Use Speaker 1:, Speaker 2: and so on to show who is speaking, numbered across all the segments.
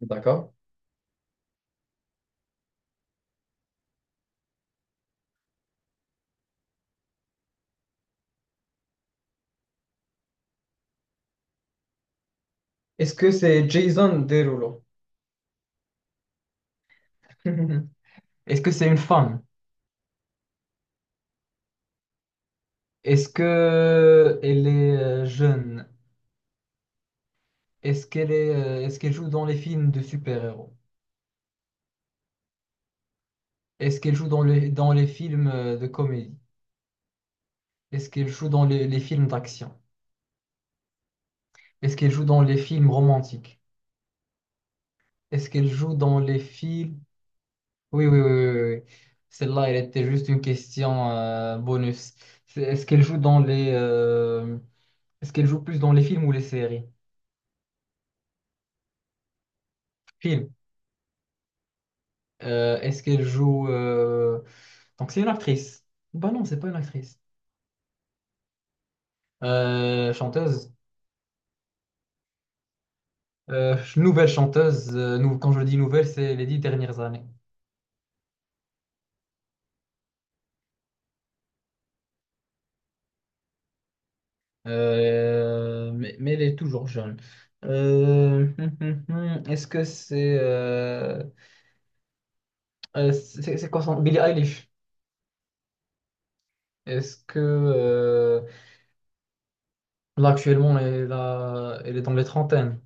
Speaker 1: D'accord. Est-ce que c'est Jason Derulo? Est-ce que c'est une femme? Est-ce que elle est jeune? Est-ce qu'elle joue dans les films de super-héros? Est-ce qu'elle joue dans les films de comédie? Est-ce qu'elle joue dans les films d'action? Est-ce qu'elle joue dans les films romantiques? Est-ce qu'elle joue dans les films... Oui, oui, oui, oui, oui, oui. Celle-là, elle était juste une question bonus. Est-ce qu'elle joue dans les... Est-ce qu'elle joue plus dans les films ou les séries? Films. Euh, est-ce qu'elle joue... euh, Donc c'est une actrice. Bah non, c'est pas une actrice. Chanteuse. Nouvelle chanteuse. Quand je dis nouvelle, c'est les 10 dernières années. Mais elle est toujours jeune. Euh, hum, hum, Est-ce que c'est— c'est quoi son— Billie Eilish? Est-ce que... euh, Là, actuellement, elle est dans les trentaines.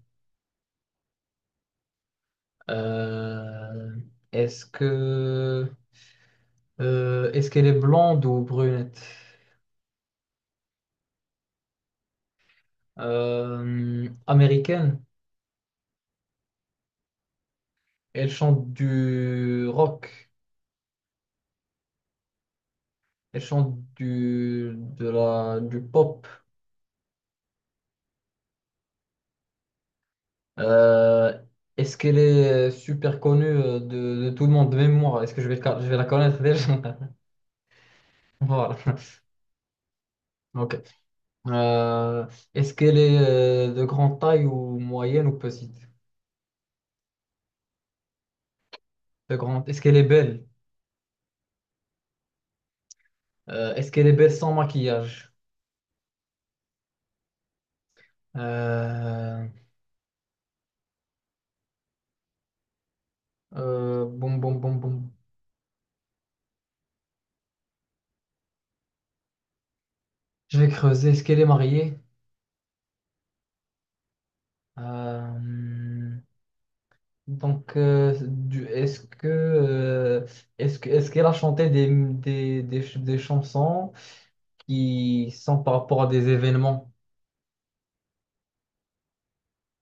Speaker 1: Euh, Est-ce que... Est-ce qu'elle est blonde ou brunette? Américaine. Elle chante du rock. Elle chante du pop. Euh, Est-ce qu'elle est super connue de tout le monde, même moi? Est-ce que je vais la connaître déjà? Voilà. Ok. Euh, Est-ce qu'elle est de grande taille ou moyenne ou petite? De grande. Est-ce qu'elle est belle? Est-ce qu'elle est belle sans maquillage? Euh, bon, bon, bon, bon. Je vais creuser. Est-ce qu'elle est mariée? Euh, donc, est-ce qu'elle a chanté des chansons qui sont par rapport à des événements?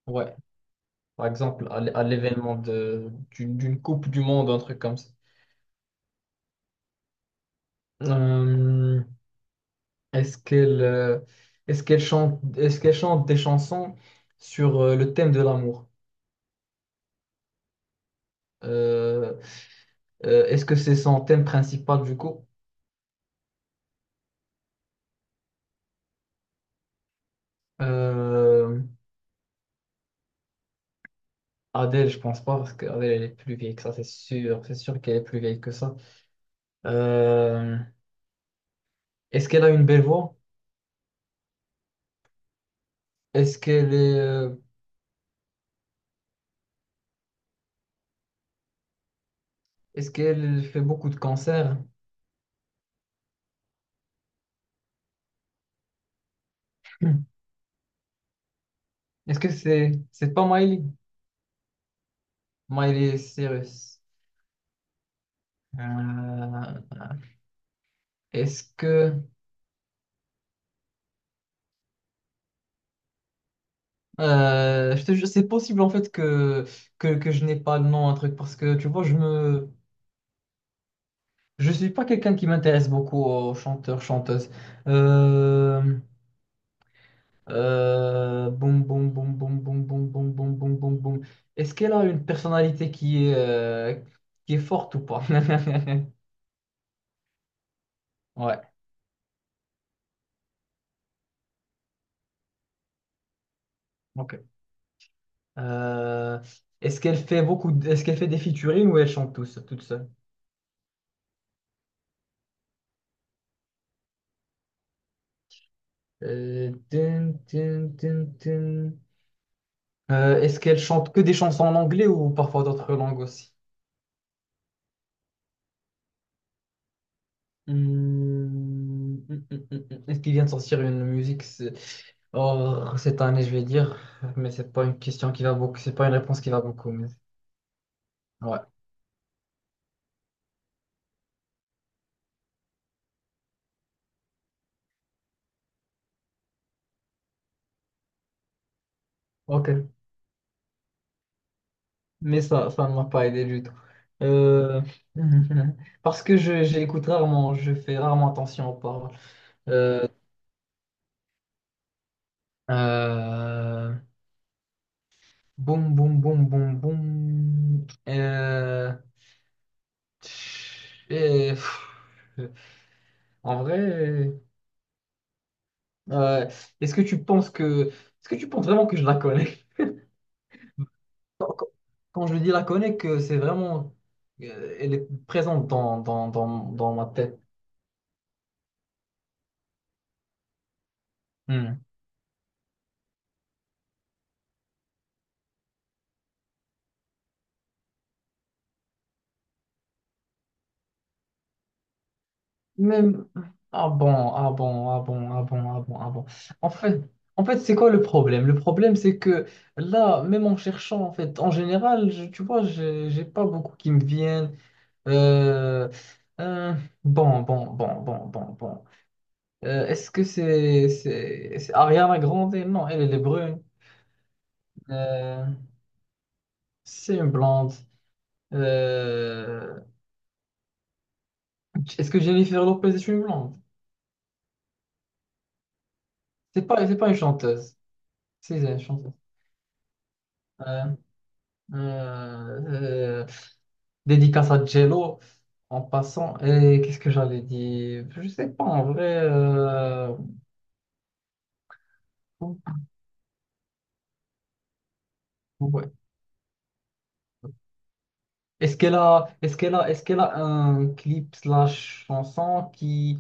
Speaker 1: Ouais, par exemple, à l'événement d'une Coupe du Monde, un truc comme ça. Euh, est-ce qu'elle, euh, Est-ce qu'elle chante des chansons sur le thème de l'amour? Euh, Est-ce que c'est son thème principal du coup? Euh, Adèle, je pense pas, parce qu'Adèle, elle est plus vieille que ça, c'est sûr. C'est sûr qu'elle est plus vieille que ça. Euh, Est-ce qu'elle a une belle voix? Est-ce qu'elle est, euh, Est-ce qu'elle fait beaucoup de concerts? Hmm. Est-ce que c'est pas Miley? Miley Cyrus. Euh, est-ce que, je te jure, c'est possible en fait que je n'ai pas le nom, un truc, parce que tu vois, je suis pas quelqu'un qui m'intéresse beaucoup aux chanteurs, chanteuses. Euh, Boum, boum, boum, boum, boum, boum, boum, boum, boum, boum, boum. Est-ce qu'elle a une personnalité qui est forte ou pas? Ouais, ok. Euh, Est-ce qu'elle fait des featuring ou elle chante toute seule? Tin, tin, tin, tin. Est-ce qu'elle chante que des chansons en anglais ou parfois d'autres langues aussi? Hmm, Est-ce qu'il vient de sortir une musique oh, cette année, je vais dire, mais c'est pas une question qui va beaucoup, c'est pas une réponse qui va beaucoup, mais ouais, ok, mais ça ne m'a pas aidé du tout. Euh, Parce que je j'écoute rarement, je fais rarement attention aux paroles. Euh, euh, Boum, boum, boum, boum, boum. Et, pff, en vrai. Euh, Est-ce que tu penses vraiment que je la connais? Quand, quand- Quand je dis la connais, que c'est vraiment, elle est présente dans ma tête. Hmm. Même, ah bon, ah bon, ah bon, ah bon, ah bon, ah bon. En fait, en fait, c'est quoi le problème? Le problème, c'est que là, même en cherchant, en fait, en général, tu vois, j'ai pas beaucoup qui me viennent. Euh, euh, bon, bon, bon, bon, bon, bon. Est-ce que c'est Ariana Grande? Non, elle est brune. Euh, c'est une blonde. Euh, Est-ce que Jennifer Lopez est une blonde? C'est pas une chanteuse. Si, c'est une chanteuse. Euh, euh, euh, Dédicace à Jello en passant. Et qu'est-ce que j'allais dire? Je sais pas en vrai. Ouais. Est-ce qu'elle a un clip slash chanson qui,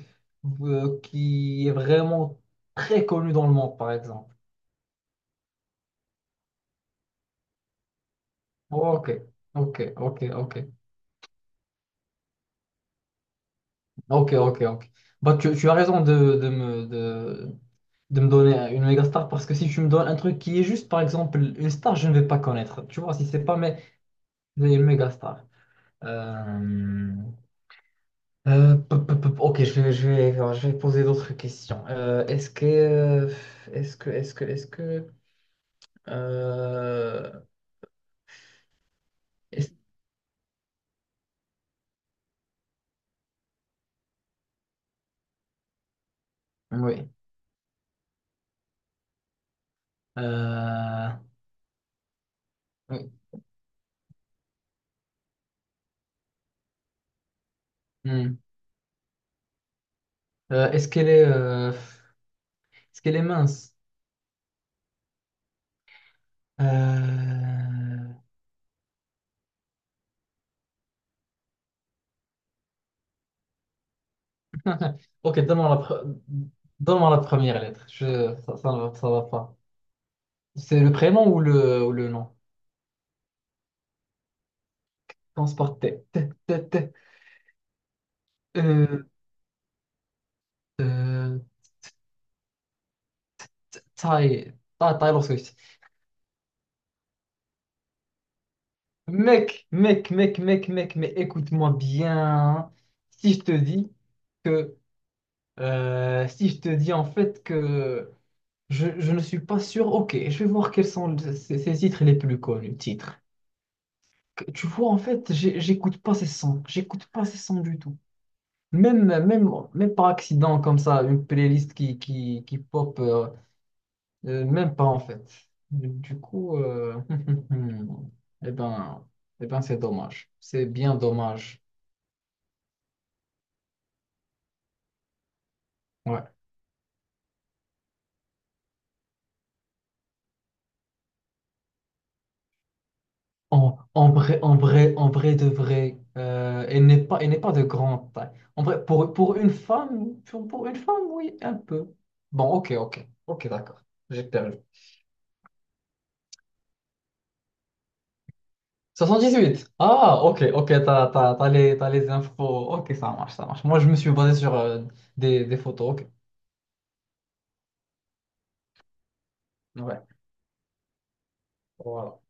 Speaker 1: euh, qui est vraiment très connu dans le monde, par exemple? Ok, ok, ok, ok, ok, ok, ok. Bah, tu as raison de me donner une méga star parce que si tu me donnes un truc qui est juste, par exemple, une star, je ne vais pas connaître. Tu vois, si c'est pas mais, une méga star. Euh, Pop, pop, pop. Ok, alors, je vais poser d'autres questions. Est-ce que, est-ce que, est-ce que, euh, est-ce- oui. Euh, oui. Hmm. Est-ce qu'elle est mince? Euh, Ok, donne-moi la première lettre. Je, ça, ne va Ça va pas. C'est le prénom ou le nom? Commence par T. T, T, T. Euh, euh, T- Ah, Taylor Swift. Mec, mec, mec, mec, mec, mais écoute-moi bien, hein. Si je te dis que, Si je te dis en fait que je ne suis pas sûr, ok, je vais voir quels sont ces titres les plus connus. Titres. Tu vois, en fait, j'écoute pas ces sons, j'écoute pas ces sons du tout. Même, même, même par accident, comme ça, une playlist qui pop, même pas en fait. Du coup, eh ben, eh ben, c'est dommage. C'est bien dommage. Ouais. En vrai, en vrai de vrai, elle n'est pas de grande taille. En vrai, pour une femme, pour une femme, oui, un peu. Bon, ok, ok, ok, d'accord. J'ai perdu. 78. Ah, ok, ok, t'as les infos. Ok, ça marche, ça marche. Moi, je me suis basé sur des photos. Ok. Ouais. Voilà.